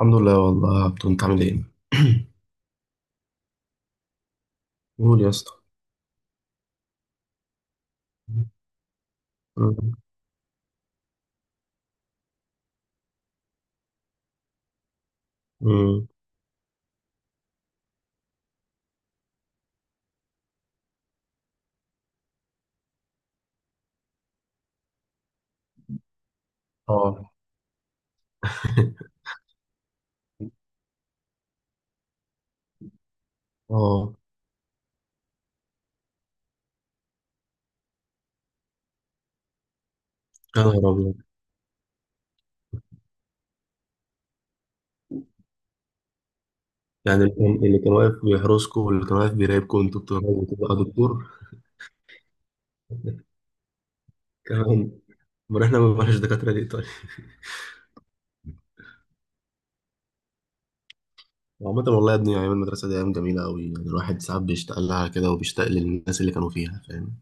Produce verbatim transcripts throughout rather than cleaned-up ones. الحمد لله والله يا عبدو، انت عامل ايه؟ قول يا اسطى. مم. مم. اه. اه. يا نهار ابيض. يعني اللي كان اللي كان واقف بيحرسكم واللي كان واقف بيراقبكم انتوا بتهربوا تبقى دكتور؟ كمان. امال احنا ما بنبقاش دكاتره ليه طيب؟ وعامة والله يا ابني، ايام المدرسه دي ايام جميله قوي، يعني الواحد ساعات بيشتاق لها كده وبيشتاق للناس اللي كانوا فيها، فاهم؟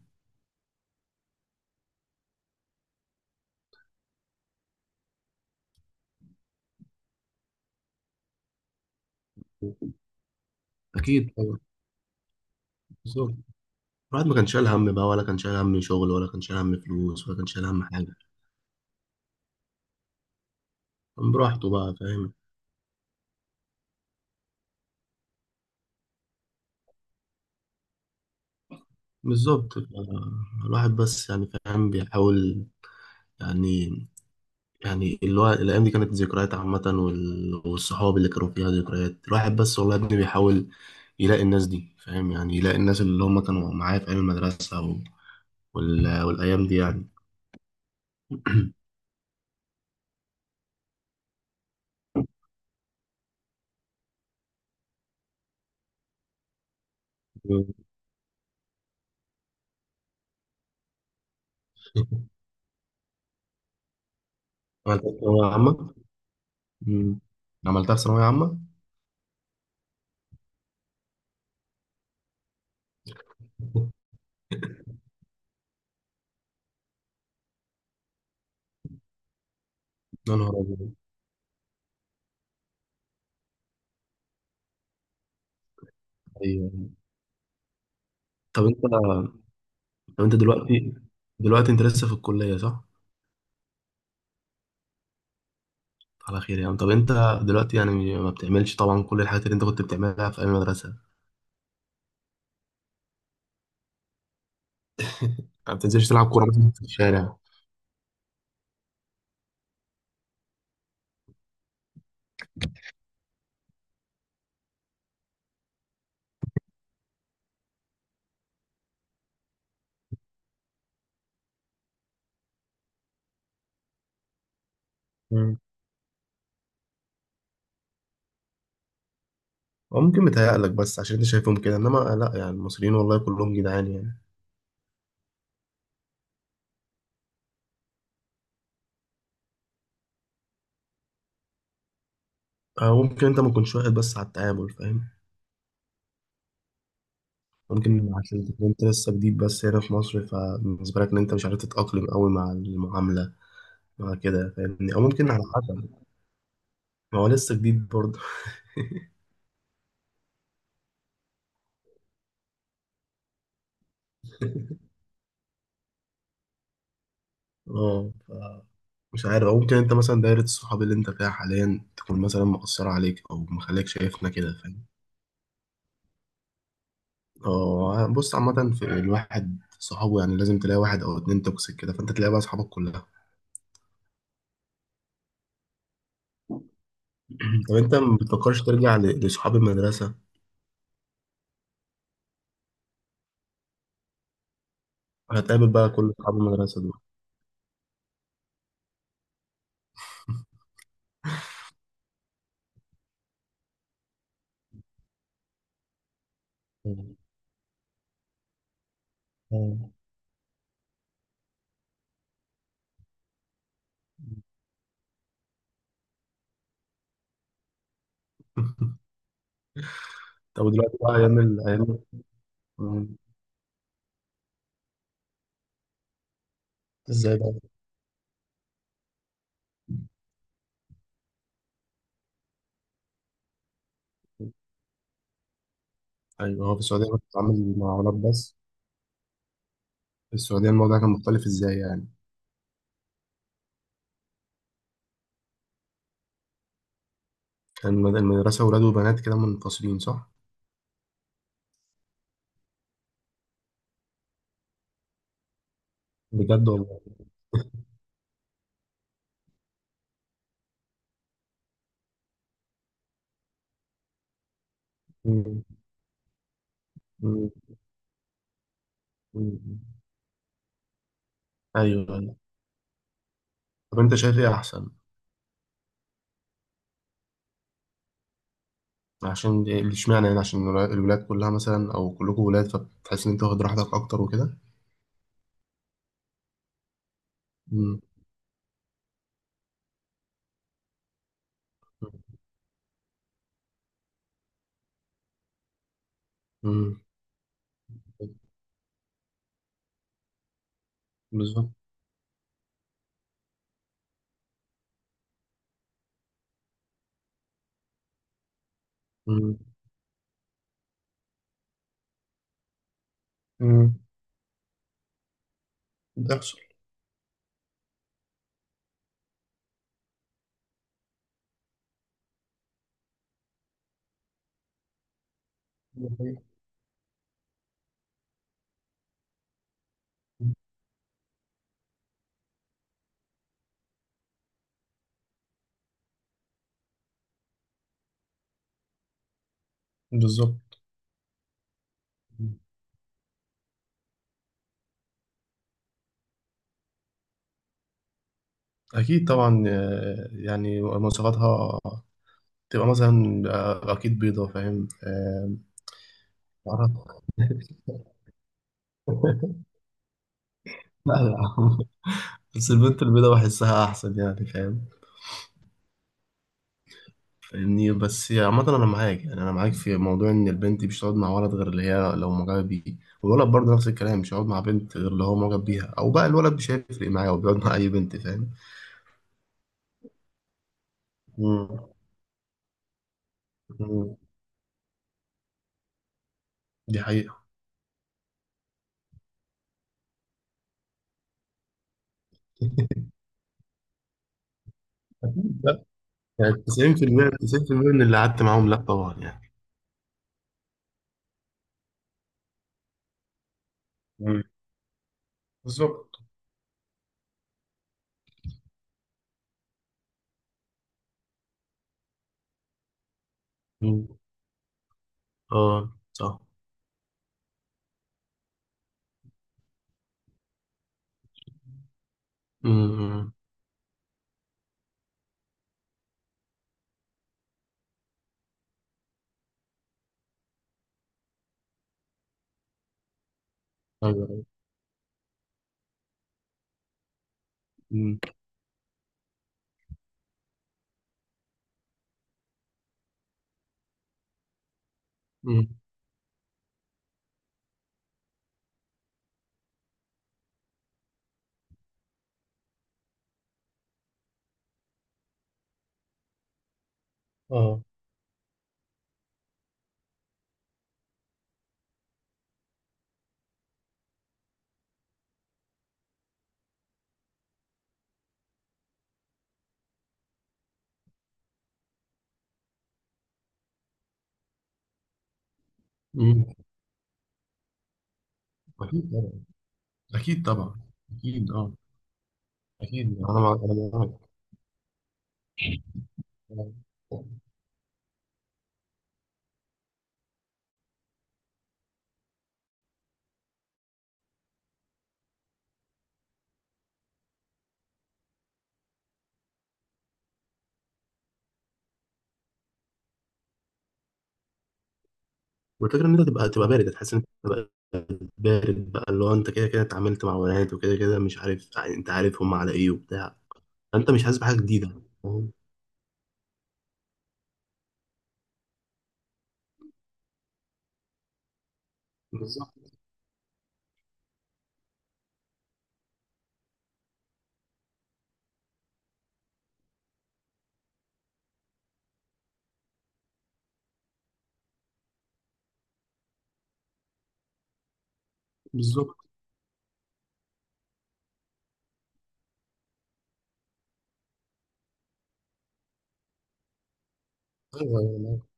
اكيد طبعا. بالظبط. الواحد ما كانش شايل هم بقى، ولا كان شايل هم شغل، ولا كان شايل هم فلوس، ولا كان شايل هم حاجه. كان براحته بقى، فاهم. بالظبط آه، الواحد بس يعني فاهم بيحاول يعني. يعني اللي هو الأيام دي كانت ذكريات عامة، وال- والصحاب اللي كانوا فيها ذكريات، الواحد بس والله يا ابني بيحاول يلاقي الناس دي، فاهم يعني، يلاقي الناس اللي هم كانوا معاه في أيام المدرسة و- وال... والأيام دي يعني. عملتها في ثانوية عامة؟ مم. عملتها في ثانوية عامة؟ يا نهار أبيض. أيوه. طب أنت. طب أنت دلوقتي، دلوقتي أنت لسه في الكلية صح؟ على خير يا عم. طب انت دلوقتي يعني ما بتعملش طبعا كل الحاجات اللي انت كنت بتعملها في ايام المدرسه؟ ما بتنزلش تلعب كوره مثلا في الشارع؟ مم. او ممكن متهيألك بس عشان انت شايفهم كده، انما لا، يعني المصريين والله كلهم جدعان يعني. او ممكن انت ما كنتش واخد بس على التعامل، فاهم. ممكن عشان تكون انت لسه جديد بس هنا في مصر، فبالنسبه لك ان انت مش عارف تتاقلم قوي مع المعامله مع كده، فاهمني، او ممكن على حسب. ما هو لسه جديد برضه. اه ف- مش عارف، او ممكن انت مثلا دايرة الصحاب اللي انت فيها حاليا تكون مثلا مقصرة عليك او مخليك شايفنا كده، فاهم. اه بص، عامة في الواحد صحابه يعني لازم تلاقي واحد او اتنين توكسيك كده، فانت تلاقي بقى صحابك كلها. طب انت ما بتفكرش ترجع ل- لصحاب المدرسة؟ هتقابل بقى كل صحاب المدرسة دول؟ مم. مم. طب دلوقتي بقى ايام ال- ايام. مم. ازاي بقى؟ ايوه، هو في السعودية كنت بتتعامل مع ولاد بس؟ في السعودية الموضوع كان مختلف ازاي يعني؟ الم- المدرسة ولاد وبنات كده منفصلين صح؟ بجد والله. مم. مم. مم. أيوه أيوه. طب أنت شايف إيه أحسن؟ عشان دي- اشمعنى يعني، عشان الولا- الولاد كلها مثلا أو كلكم ولاد، فبتحس إن أنت واخد راحتك أكتر وكده؟ مم. مم. بالظبط. مم. مم. بتحصل. بالظبط. أكيد طبعا آه، يعني مواصفاتها تبقى مثلا آه، أكيد بيضة، فاهم؟ آه. عرب. لا لا، بس البنت البيضاء بحسها احسن يعني، فاهم، فاهمني. بس عامة انا معاك، يعني انا معاك في موضوع ان البنت مش هتقعد مع ولد غير اللي هي لو معجبة بيه، والولد برضه نفس الكلام، مش هيقعد مع بنت غير اللي هو معجب بيها، او بقى الولد مش هيفرق معاه وبيقعد مع اي بنت، فاهم. مم. مم. دي حقيقة. أكيد لا، يعني تسعين بالمية تسعين بالمية من اللي قعدت معاهم لا طبعا يعني. مم. بالظبط. مم. اه صح. مم. ايوه أيوة. مم. مم. اه. مم. اكيد طبعا. اكيد طبعا. اكيد اه. اكيد انا مع... انا معاك. والفكره ان انت تبقى، تبقى بارد، هتحس ان انت تبقى بارد بقى، اللي هو انت كده كده اتعاملت مع بنات وكده كده مش عارف، انت عارفهم على ايه وبتاع، فانت مش حاسس بحاجه جديده، فاهم؟ بالظبط. بالظبط. ايوه أيوة، أنا معاك.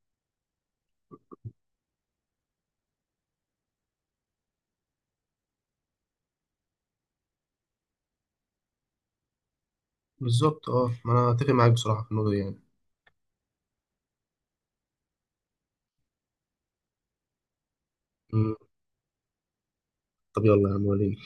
بالظبط اه، ما انا اتفق معاك بصراحه في النقطه دي يعني. مم. طب يلا يا عم وريني.